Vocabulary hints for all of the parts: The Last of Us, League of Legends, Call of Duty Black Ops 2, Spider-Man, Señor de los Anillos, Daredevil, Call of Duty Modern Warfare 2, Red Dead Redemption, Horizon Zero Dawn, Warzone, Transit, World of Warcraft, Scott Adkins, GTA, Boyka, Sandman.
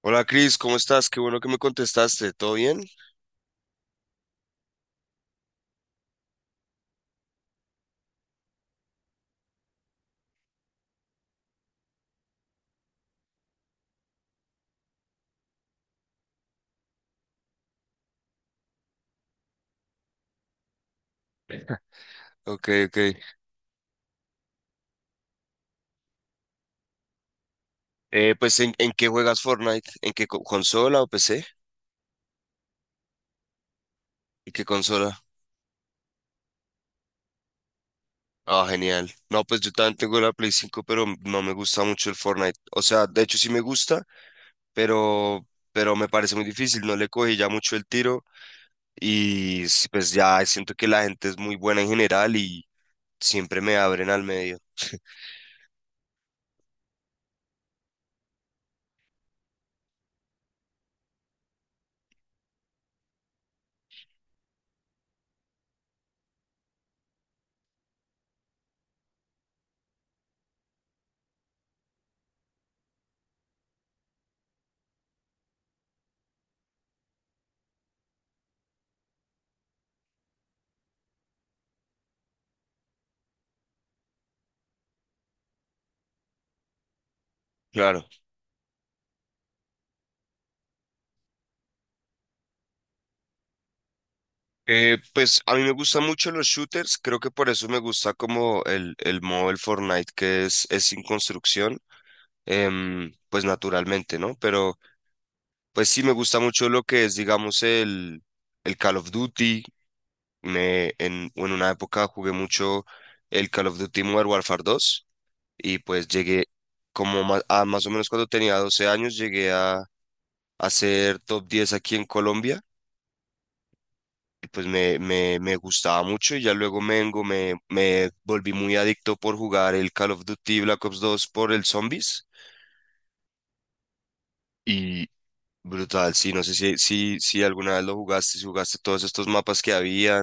Hola Cris, ¿cómo estás? Qué bueno que me contestaste. ¿Todo bien? Ok, ok. ¿En qué juegas Fortnite? ¿En qué consola o PC? ¿Y qué consola? Ah, genial. No, pues yo también tengo la Play 5, pero no me gusta mucho el Fortnite. O sea, de hecho sí me gusta, pero, pero me parece muy difícil. No le cogí ya mucho el tiro y pues ya siento que la gente es muy buena en general y siempre me abren al medio. Claro. Pues a mí me gustan mucho los shooters, creo que por eso me gusta como el modo del Fortnite que es sin construcción, pues naturalmente, ¿no? Pero pues sí me gusta mucho lo que es, digamos, el Call of Duty. En una época jugué mucho el Call of Duty Modern Warfare 2, y pues llegué como más o menos cuando tenía 12 años, llegué a ser top 10 aquí en Colombia, y pues me gustaba mucho, y ya luego me volví muy adicto por jugar el Call of Duty Black Ops 2 por el Zombies, y brutal, sí, no sé si alguna vez lo jugaste, si jugaste todos estos mapas que había.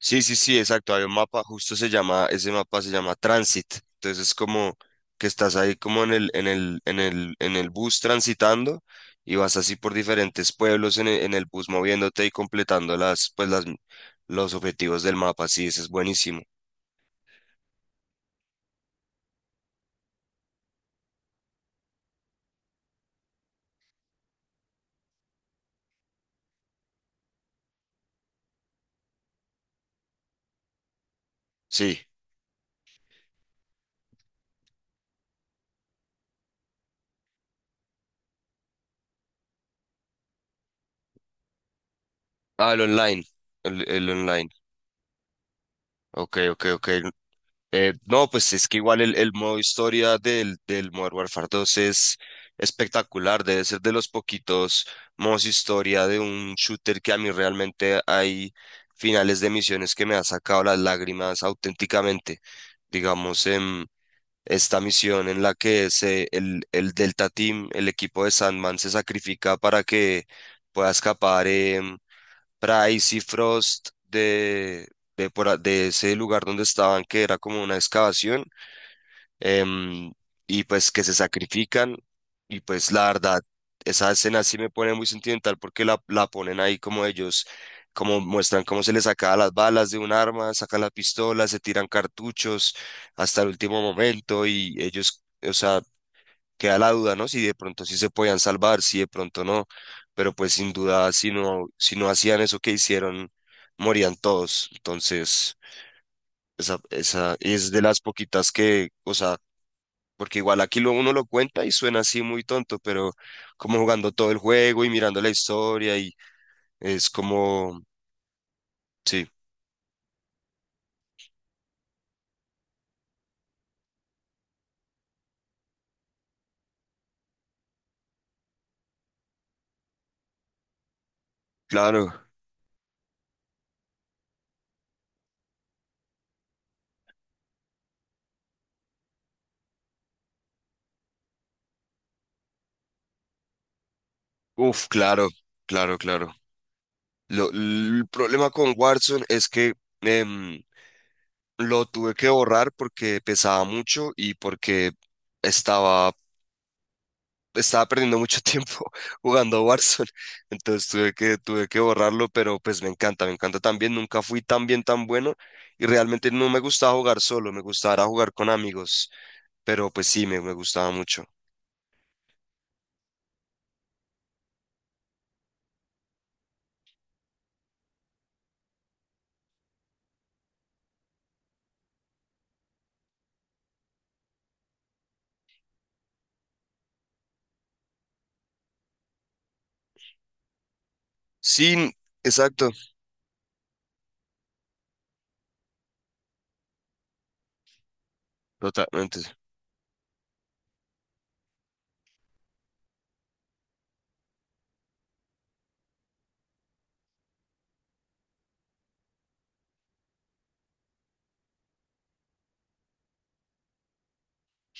Sí, sí, sí, exacto. Hay un mapa, justo se llama, ese mapa se llama Transit. Entonces es como que estás ahí como en en el bus transitando, y vas así por diferentes pueblos en en el bus moviéndote y completando las, los objetivos del mapa. Sí, ese es buenísimo. Sí. Ah, el online. El online. Ok, ok, ok. No, pues es que igual el modo historia del Modern Warfare 2 es espectacular, debe ser de los poquitos modos historia de un shooter que a mí realmente hay finales de misiones que me han sacado las lágrimas auténticamente. Digamos, en esta misión en la que el Delta Team, el equipo de Sandman, se sacrifica para que pueda escapar. Price y Frost de ese lugar donde estaban, que era como una excavación, em, y pues que se sacrifican. Y pues la verdad, esa escena sí me pone muy sentimental porque la ponen ahí como ellos, como muestran cómo se les saca las balas de un arma, sacan las pistolas, se tiran cartuchos hasta el último momento y ellos, o sea, queda la duda, ¿no? Si de pronto sí se podían salvar, si de pronto no, pero pues sin duda, si no, si no hacían eso que hicieron, morían todos. Entonces, esa es de las poquitas que, o sea, porque igual aquí lo, uno lo cuenta y suena así muy tonto, pero como jugando todo el juego y mirando la historia y es como, sí, claro, uf, claro, claro, claro. El problema con Warzone es que... em, Lo tuve que borrar porque pesaba mucho y porque estaba, estaba perdiendo mucho tiempo jugando a Warzone. Entonces tuve que borrarlo, pero pues me encanta también. Nunca fui tan bien, tan bueno, y realmente no me gustaba jugar solo, me gustaba era jugar con amigos, pero pues sí, me gustaba mucho. Sí, exacto, totalmente.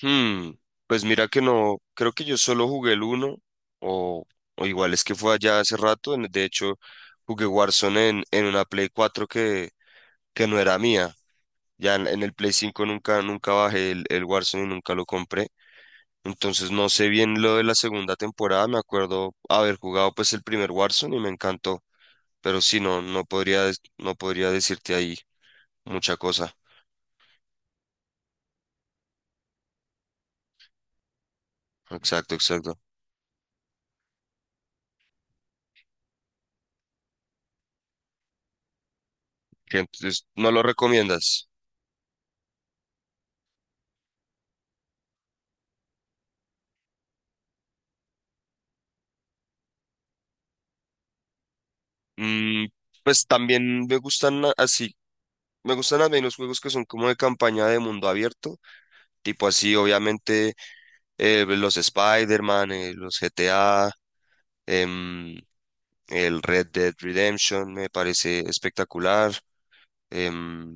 Hmm, pues mira que no, creo que yo solo jugué el uno o, o igual es que fue allá hace rato, de hecho jugué Warzone en una Play 4 que no era mía, ya en el Play 5 nunca, nunca bajé el Warzone y nunca lo compré, entonces no sé bien lo de la segunda temporada, me acuerdo haber jugado pues el primer Warzone y me encantó, pero sí, no, no podría, no podría decirte ahí mucha cosa, exacto, exacto, que entonces no lo recomiendas. Mm, pues también me gustan así, me gustan también los juegos que son como de campaña de mundo abierto, tipo así, obviamente, los Spider-Man, los GTA, em, el Red Dead Redemption me parece espectacular. em,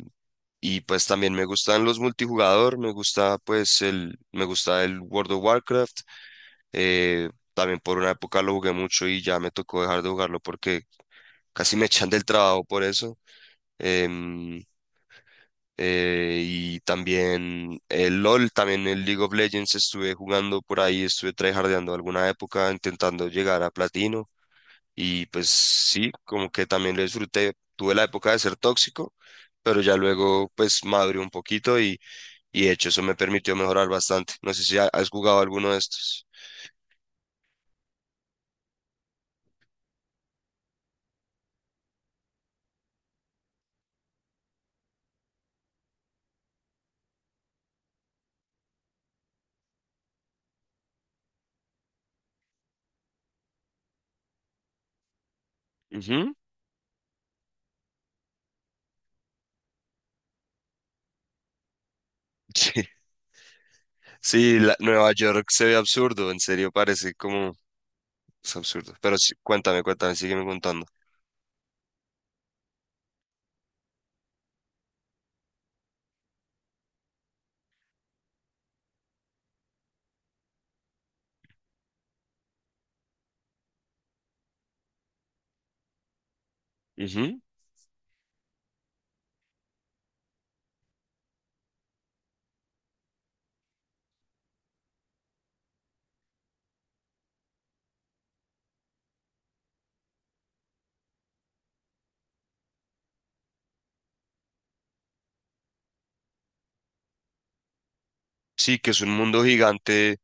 y pues también me gustan los multijugador, me gusta pues el, me gusta el World of Warcraft. eh, También por una época lo jugué mucho y ya me tocó dejar de jugarlo porque casi me echan del trabajo por eso. Em, y también el LOL, también el League of Legends estuve jugando por ahí, estuve tryhardeando alguna época intentando llegar a platino, y pues sí, como que también lo disfruté. Tuve la época de ser tóxico, pero ya luego pues maduré un poquito y de hecho eso me permitió mejorar bastante. No sé si has jugado alguno de estos. Ujú. Sí, sí, Nueva York se ve absurdo, en serio parece como es absurdo. Pero sí, cuéntame, cuéntame, sígueme contando. Ujú. Sí, que es un mundo gigante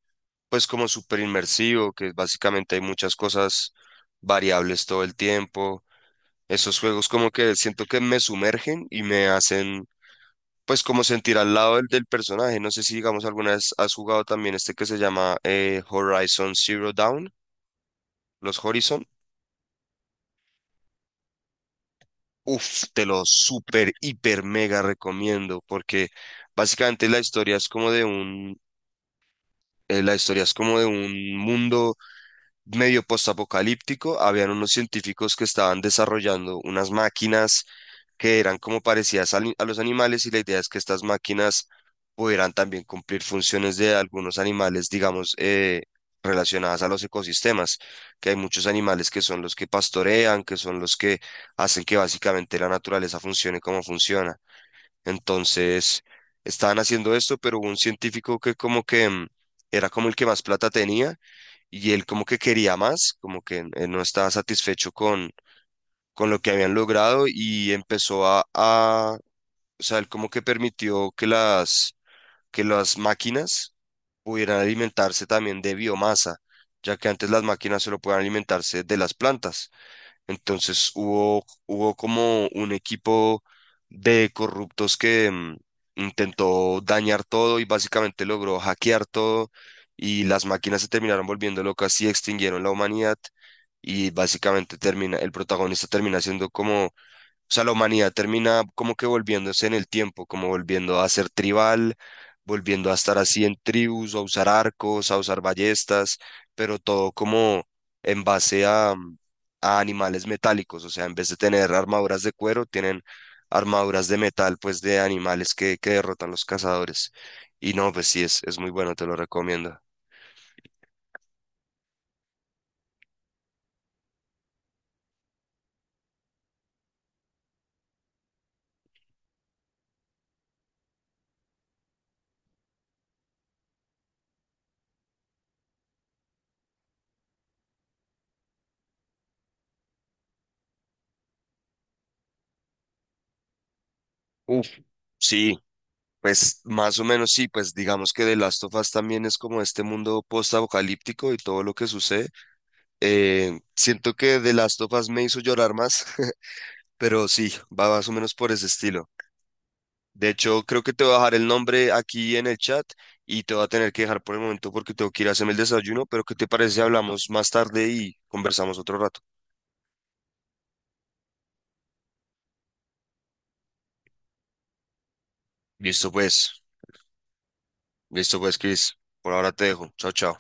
pues como súper inmersivo, que básicamente hay muchas cosas variables todo el tiempo. Esos juegos como que siento que me sumergen y me hacen pues como sentir al lado del personaje. No sé si digamos alguna vez has jugado también este que se llama Horizon Zero Dawn, los Horizon. Uf, te lo súper, hiper, mega recomiendo porque básicamente la historia es como de un, la historia es como de un mundo medio postapocalíptico, habían unos científicos que estaban desarrollando unas máquinas que eran como parecidas a los animales, y la idea es que estas máquinas pudieran también cumplir funciones de algunos animales, digamos, relacionadas a los ecosistemas, que hay muchos animales que son los que pastorean, que son los que hacen que básicamente la naturaleza funcione como funciona. Entonces, estaban haciendo esto, pero hubo un científico que como que era como el que más plata tenía, y él como que quería más, como que él no estaba satisfecho con lo que habían logrado y empezó a, o sea, él como que permitió que que las máquinas pudieran alimentarse también de biomasa, ya que antes las máquinas solo podían alimentarse de las plantas. Entonces hubo como un equipo de corruptos que intentó dañar todo y básicamente logró hackear todo, y las máquinas se terminaron volviendo locas y extinguieron la humanidad, y básicamente termina, el protagonista termina siendo como o sea, la humanidad termina como que volviéndose en el tiempo, como volviendo a ser tribal, volviendo a estar así en tribus, a usar arcos, a usar ballestas, pero todo como en base a animales metálicos. O sea, en vez de tener armaduras de cuero, tienen armaduras de metal, pues de animales que derrotan los cazadores. Y no, pues sí, es muy bueno, te lo recomiendo. Uf. Sí, pues más o menos sí, pues digamos que The Last of Us también es como este mundo post-apocalíptico y todo lo que sucede. Siento que The Last of Us me hizo llorar más, pero sí, va más o menos por ese estilo. De hecho, creo que te voy a dejar el nombre aquí en el chat y te voy a tener que dejar por el momento porque tengo que ir a hacerme el desayuno, pero ¿qué te parece si hablamos más tarde y conversamos otro rato? Listo pues, listo pues, Chris. Por ahora te dejo. Chao, chao.